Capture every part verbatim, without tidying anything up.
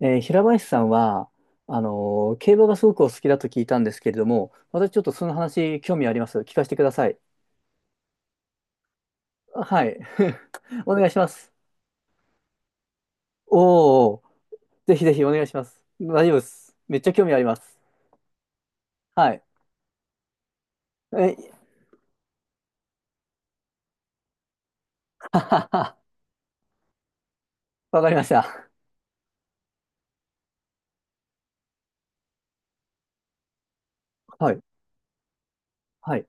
えー平林さんは、あのー競馬がすごくお好きだと聞いたんですけれども、私ちょっとその話興味あります。聞かせてください。はい。お願いします。おお、ぜひぜひお願いします。大丈夫です。めっちゃ興味あります。はい。え、ははは。わかりました。はい。はい。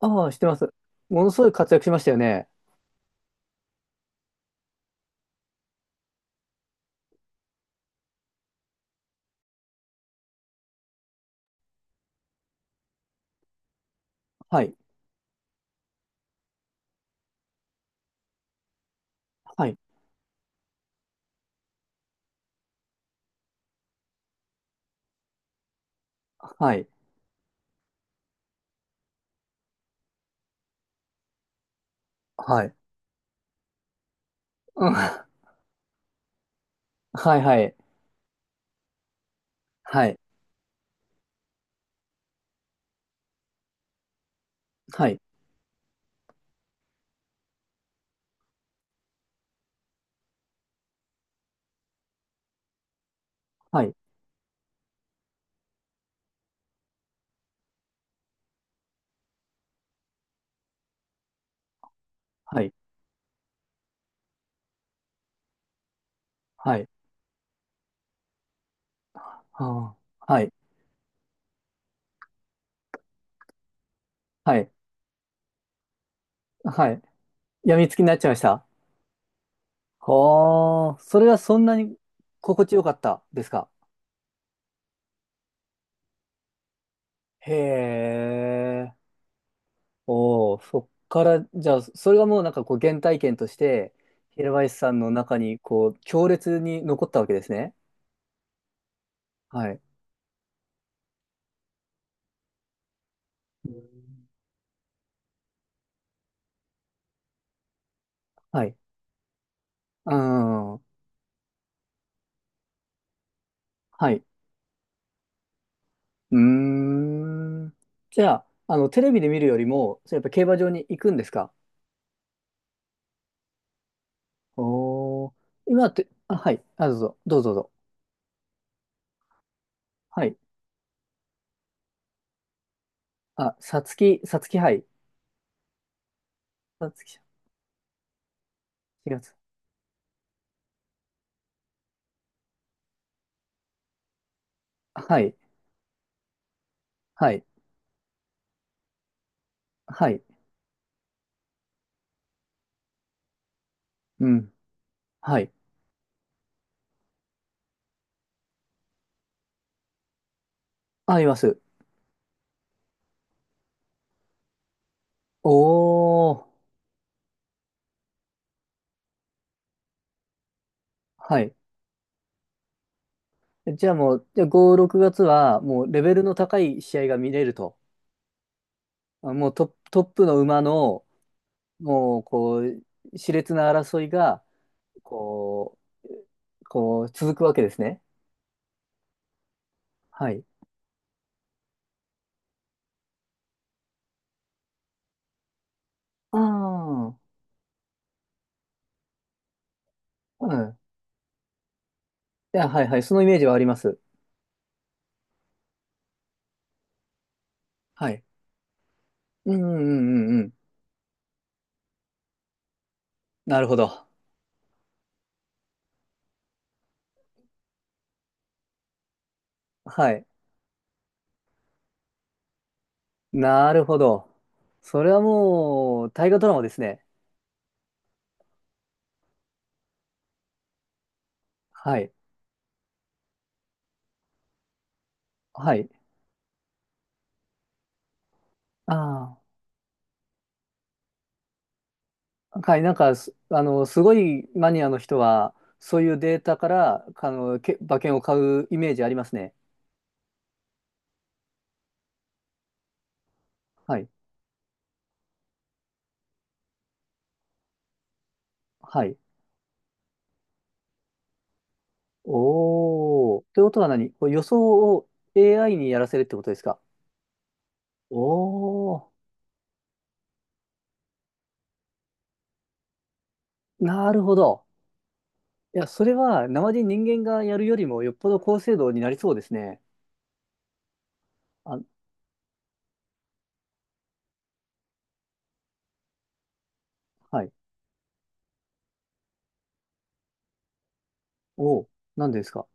ああ、知ってます。ものすごい活躍しましたよね。はい。はい。はい。はい。うん。はい。はい。はい。はい。はい。はい。はい。ああ。はい。はい。はい。病みつきになっちゃいました。はあ、それはそんなに心地よかったですか？へえ、おお、そっから、じゃあ、それがもうなんかこう原体験として、平林さんの中にこう強烈に残ったわけですね。はい。うん。はい。うん。はい。うーん。じゃあ、あの、テレビで見るよりも、それやっぱ競馬場に行くんですか？おおー、今って、あ、はい。あ、どうぞ、どうぞ、どうぞ。はい。あ、さつき、さつき杯。さつきしがつ。はい。はい。はい。うん。はい。あります。おー。はい。じゃあもう、じゃあご、ろくがつは、もうレベルの高い試合が見れると。あ、もうトップ、トップの馬の、もう、こう、熾烈な争いが、こう、こう、続くわけですね。はい。ああ。うん。いや、はいはい。そのイメージはあります。はい。うんうんうんうんうん。なるほど。はい。なるほど。それはもう、大河ドラマですね。はい。はい。ああ。はい。なんかす、あの、すごいマニアの人は、そういうデータから、あの、け馬券を買うイメージありますね。はい。はい。おー。ということは何こう予想を エーアイ にやらせるってことですか？おー。なるほど。いや、それは、生で人間がやるよりも、よっぽど高精度になりそうですね。あ、はい。おー。なんでですか？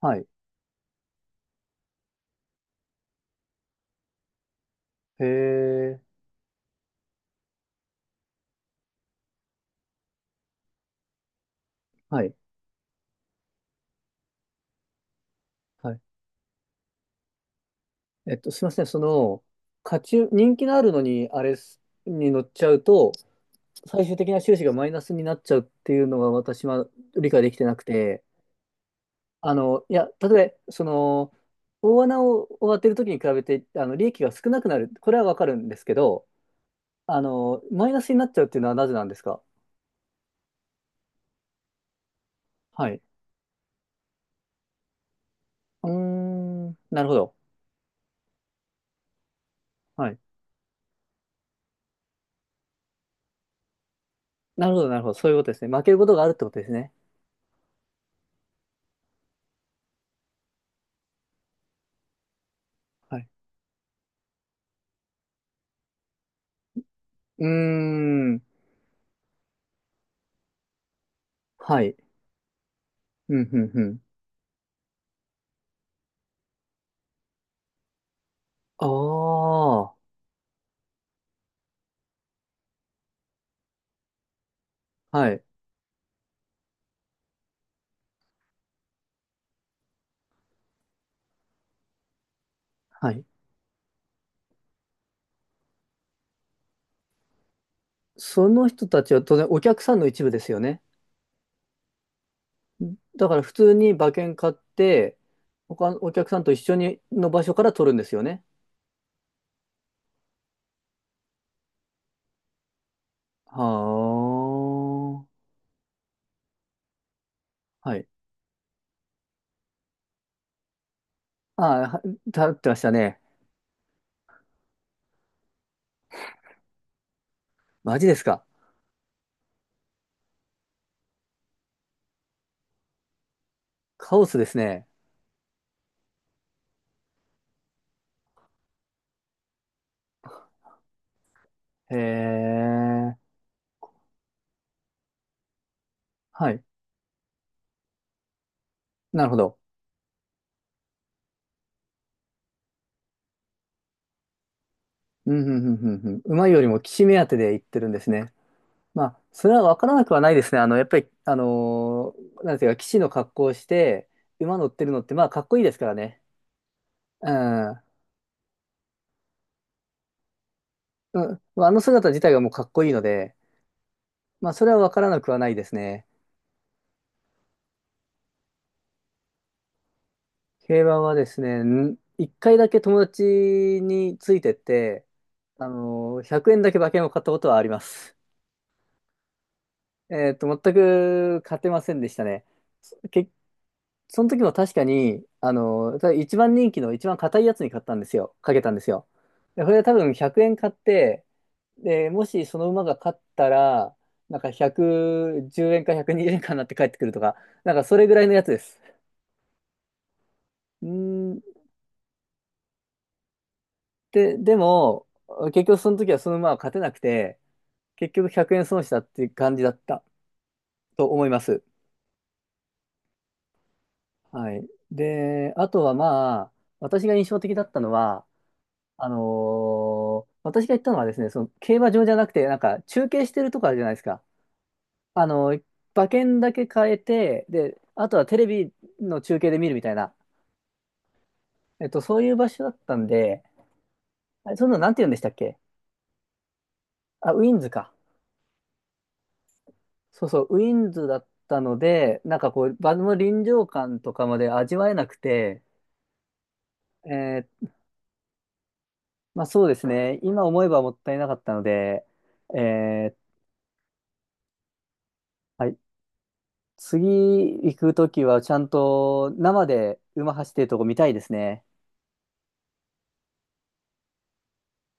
はい。へー。はい。はい。えっと、すみません、その、価値、人気のあるのに、あれすに乗っちゃうと、最終的な収支がマイナスになっちゃうっていうのが私は理解できてなくて、あの、いや、例えば、その、大穴を当てるときに比べて、あの、利益が少なくなる、これはわかるんですけど、あの、マイナスになっちゃうっていうのはなぜなんですか？はい。うーん、なるほど。はい。なるほど、なるほど。そういうことですね。負けることがあるってことですね。はい。うーん、はい。うん、うん、うん。ああ。はい。はい。その人たちは当然お客さんの一部ですよね。だから普通に馬券買って、他のお客さんと一緒にの場所から取るんですよね。はあ。はい。ああ、は立ってましたね。マジですか。カオスですね。へえ。はい。なるほど。うん、うん、うん、うん。うん、うまいよりも士目当てで行ってるんですね。まあ、それはわからなくはないですね。あの、やっぱり、あのーなんていうか、騎士の格好をして、馬乗ってるのって、まあ、かっこいいですからね。うん。うん、まああの姿自体がもうかっこいいので、まあ、それはわからなくはないですね。競馬はですね、ん、一回だけ友達についてって、あのー、ひゃくえんだけ馬券を買ったことはあります。えっと、全く勝てませんでしたね。結、その時も確かに、あの、ただ一番人気の一番硬いやつに買ったんですよ。かけたんですよ。で、これは多分ひゃくえん買って、で、もしその馬が勝ったら、なんかひゃくじゅうえんかひゃくにじゅうえんかになって帰ってくるとか、なんかそれぐらいのやつです。うーん、で、でも、結局その時はその馬は勝てなくて、結局ひゃくえん損したっていう感じだったと思います。はい。で、あとはまあ、私が印象的だったのは、あのー私が行ったのはですね、その競馬場じゃなくて、なんか中継してるとこあるじゃないですか。あのー馬券だけ変えて、で、あとはテレビの中継で見るみたいな、えっと、そういう場所だったんで、あれそんなのなんて言うんでしたっけ？あ、ウィンズか。そうそう、ウィンズだったので、なんかこう、場の臨場感とかまで味わえなくて、えー、まあそうですね、今思えばもったいなかったので、えー、はい、次行くときはちゃんと生で馬走ってるとこ見たいですね。